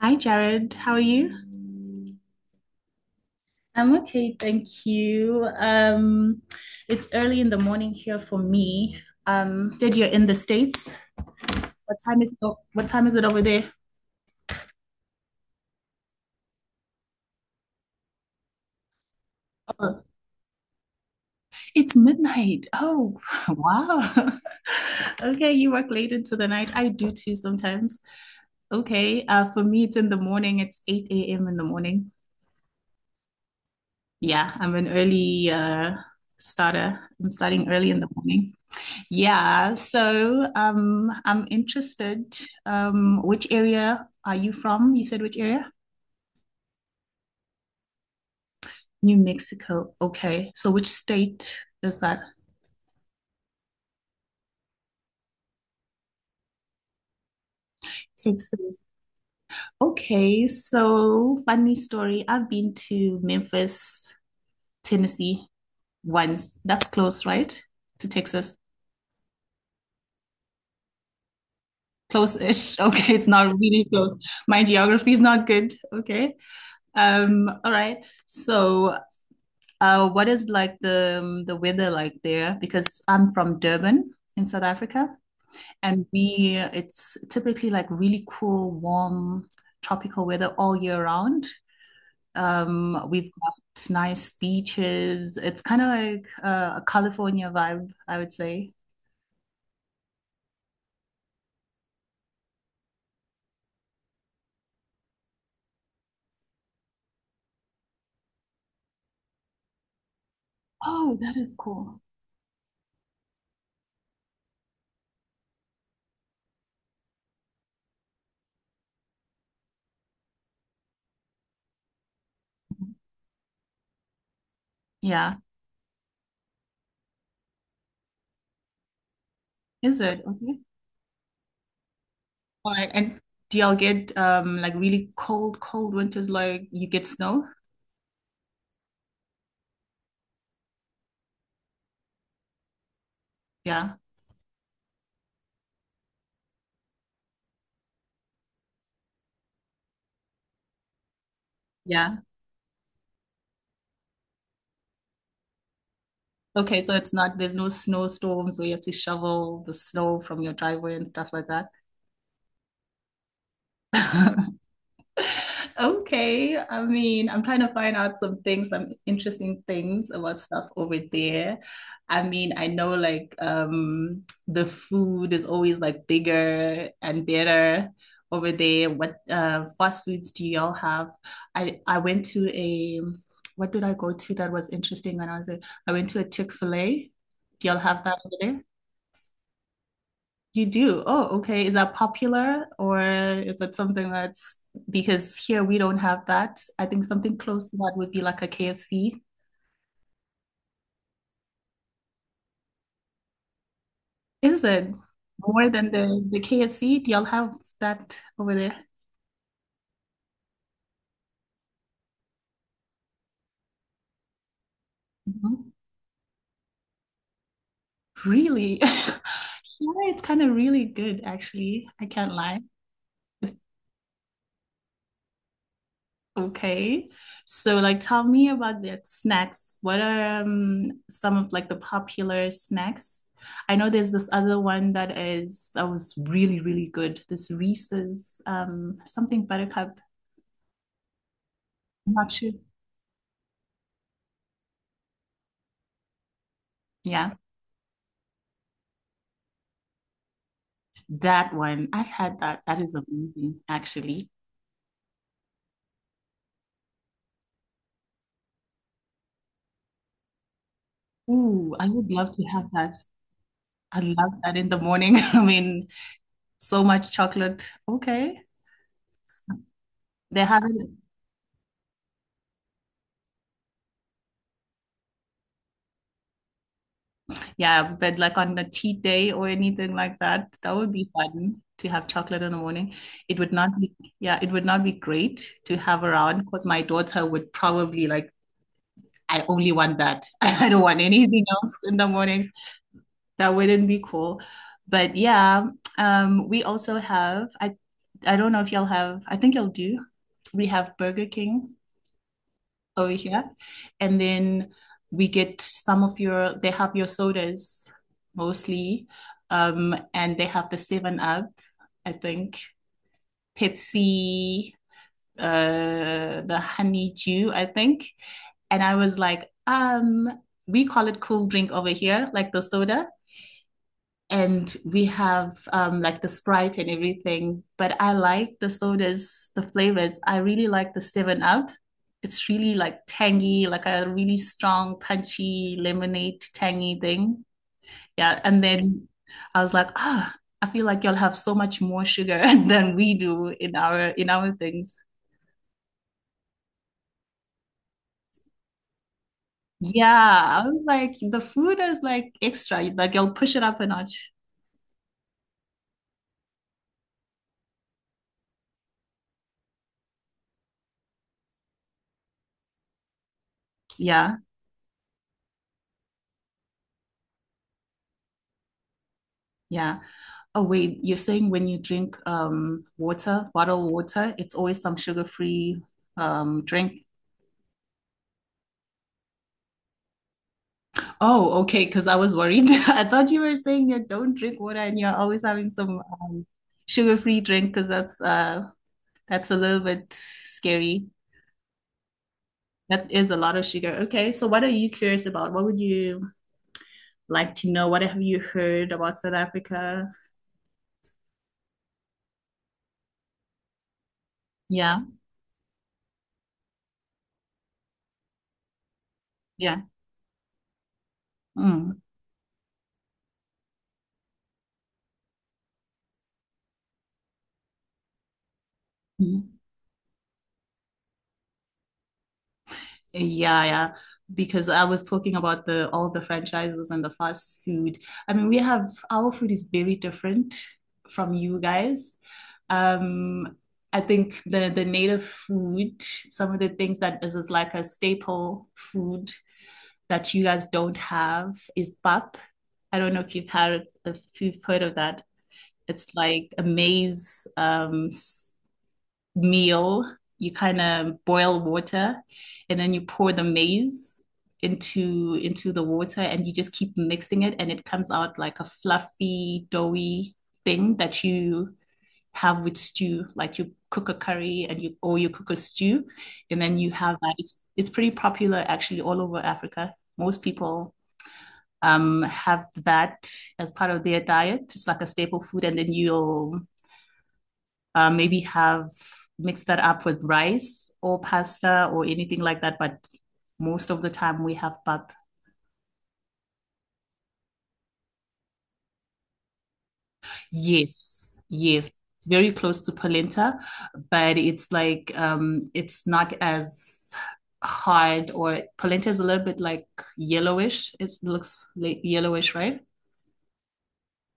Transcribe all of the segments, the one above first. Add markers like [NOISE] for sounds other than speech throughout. Hi, Jared. How are you? I'm okay, thank you. It's early in the morning here for me. Said you're in the States. What time is it over there? Oh, it's midnight. Oh, [LAUGHS] wow. [LAUGHS] Okay, you work late into the night. I do too sometimes. Okay, for me, it's in the morning. It's 8 a.m. in the morning. Yeah, I'm an early starter. I'm starting early in the morning. Yeah, so I'm interested. Which area are you from? You said which area? New Mexico. Okay, so which state is that? Texas. Okay, so funny story. I've been to Memphis, Tennessee once. That's close, right? To Texas. Close-ish. [LAUGHS] Okay, it's not really close. My geography is not good. Okay. All right. What is like the weather like there? Because I'm from Durban in South Africa, and we it's typically like really cool, warm, tropical weather all year round. We've got nice beaches. It's kind of like a California vibe, I would say. Oh, that is cool. Yeah, is it? Okay. All right. And do y'all get like really cold, cold winters like you get snow? Yeah. Yeah. Okay, so it's not there's no snowstorms where you have to shovel the snow from your driveway and stuff like that. [LAUGHS] Okay. I mean, I'm trying to find out some things, some interesting things about stuff over there. I mean, I know like the food is always like bigger and better over there. What fast foods do y'all have? I went to a what did I go to that was interesting when I was there? I went to a Chick-fil-A. Do y'all have that over there? You do? Oh, okay. Is that popular or is that something that's because here we don't have that? I think something close to that would be like a KFC. Is it more than the KFC? Do y'all have that over there? Mhm. Really? [LAUGHS] Yeah, it's kind of really good actually. I can't lie. Okay. So like tell me about the snacks. What are some of like the popular snacks? I know there's this other one that was really, really good. This Reese's something buttercup. I'm not sure. Yeah, that one. I've had that. That is amazing, actually. Ooh, I would love to have that. I love that in the morning. [LAUGHS] I mean, so much chocolate. Okay. They have it. Yeah, but like on a cheat day or anything like that, that would be fun to have chocolate in the morning. It would not be, yeah, it would not be great to have around because my daughter would probably like, I only want that. [LAUGHS] I don't want anything else in the mornings. That wouldn't be cool. But yeah, we also have, I don't know if y'all have, I think y'all do. We have Burger King over here. And then we get some of your, they have your sodas mostly. And they have the 7 Up, I think, Pepsi, the honey dew, I think. And I was like, we call it cool drink over here, like the soda and we have like the Sprite and everything. But I like the sodas, the flavors. I really like the Seven Up. It's really like tangy, like a really strong, punchy lemonade, tangy thing. Yeah, and then I was like, ah, oh, I feel like y'all have so much more sugar [LAUGHS] than we do in our things. Yeah, I was like, the food is like extra. Like y'all push it up a notch. Yeah. Yeah. Oh, wait, you're saying when you drink water, bottled water, it's always some sugar-free drink. Oh, okay, because I was worried. [LAUGHS] I thought you were saying you don't drink water and you're always having some sugar-free drink because that's a little bit scary. That is a lot of sugar. Okay, so what are you curious about? What would you like to know? What have you heard about South Africa? Yeah, yeah. Mm. Mm-hmm. Yeah, yeah. Because I was talking about the all the franchises and the fast food. I mean, we have our food is very different from you guys. Um, I think the native food, some of the things is like a staple food that you guys don't have is pap. I don't know if you've had if you've heard of that. It's like a maize meal, you kind of boil water and then you pour the maize into the water and you just keep mixing it and it comes out like a fluffy, doughy thing that you have with stew. Like you cook a curry and you or you cook a stew and then you have that. It's pretty popular actually all over Africa. Most people have that as part of their diet. It's like a staple food, and then you'll maybe have mixed that up with rice or pasta or anything like that. But most of the time we have pap. Yes, yes. It's very close to polenta, but it's like it's not as hard or polenta is a little bit like yellowish. It looks like yellowish, right?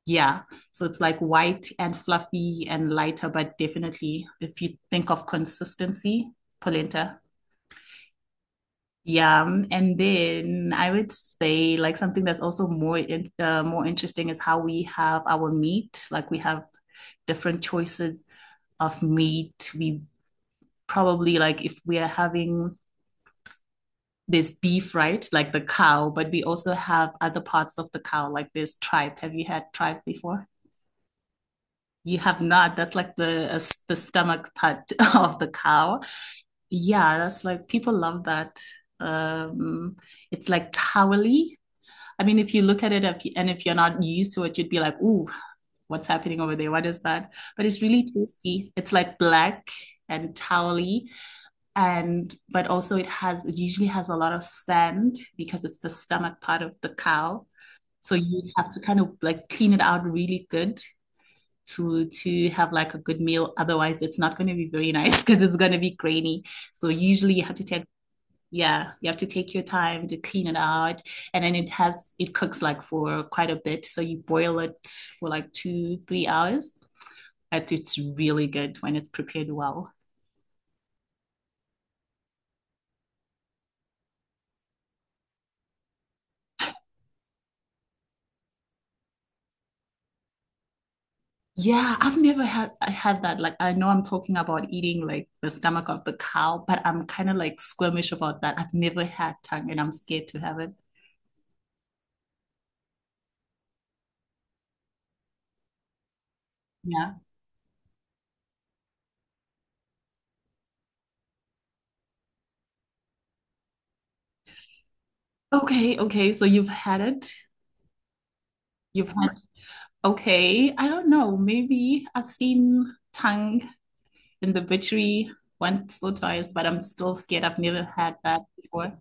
Yeah. So it's like white and fluffy and lighter, but definitely if you think of consistency, polenta. Yeah, and then I would say like something that's also more in, more interesting is how we have our meat. Like we have different choices of meat. We probably like if we are having this beef, right? Like the cow, but we also have other parts of the cow, like this tripe. Have you had tripe before? You have not. That's like the the stomach part [LAUGHS] of the cow. Yeah, that's like people love that. Um, it's like towely. I mean, if you look at it if, you, and if you're not used to it, you'd be like, ooh, what's happening over there? What is that? But it's really tasty. It's like black and towely and but also it usually has a lot of sand because it's the stomach part of the cow, so you have to kind of like clean it out really good to have like a good meal, otherwise it's not going to be very nice [LAUGHS] because it's going to be grainy. So usually you have to take yeah you have to take your time to clean it out, and then it cooks like for quite a bit, so you boil it for like 2 3 hours, but it's really good when it's prepared well. Yeah, I've never had I had that. Like I know I'm talking about eating like the stomach of the cow, but I'm kind of like squeamish about that. I've never had tongue and I'm scared to have it. Yeah, okay, okay, so you've had it you've had. Okay, I don't know, maybe I've seen tongue in the butchery once or twice, but I'm still scared. I've never had that before.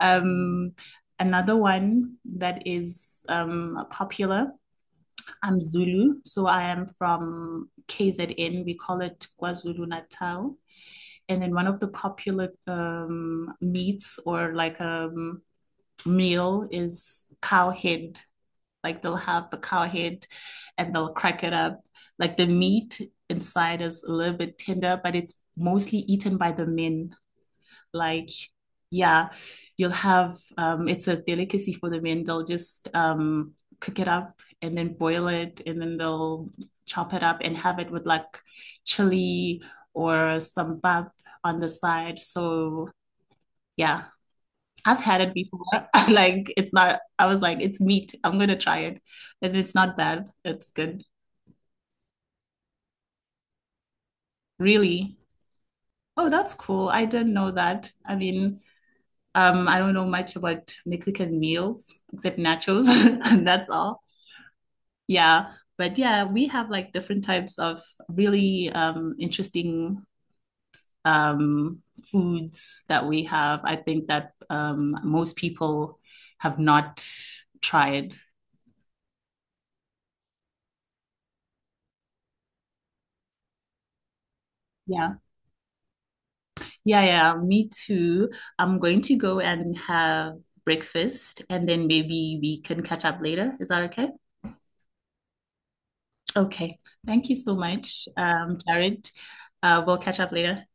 Um, Another one that is popular, I'm Zulu. So I am from KZN. We call it KwaZulu Natal. And then one of the popular meats or like a meal is cow head. Like they'll have the cow head and they'll crack it up. Like the meat inside is a little bit tender, but it's mostly eaten by the men. Like, yeah, you'll have it's a delicacy for the men. They'll just cook it up and then boil it and then they'll chop it up and have it with like chili or some bab on the side. So yeah, I've had it before. [LAUGHS] Like it's not, I was like, it's meat. I'm gonna try it. And it's not bad. It's good. Really? Oh, that's cool. I didn't know that. I mean, I don't know much about Mexican meals except nachos, [LAUGHS] and that's all. Yeah. But yeah, we have like different types of really interesting um foods that we have. I think that most people have not tried. Yeah. Yeah, yeah, me too. I'm going to go and have breakfast, and then maybe we can catch up later. Is that okay? Okay. Thank you so much, Jared. We'll catch up later.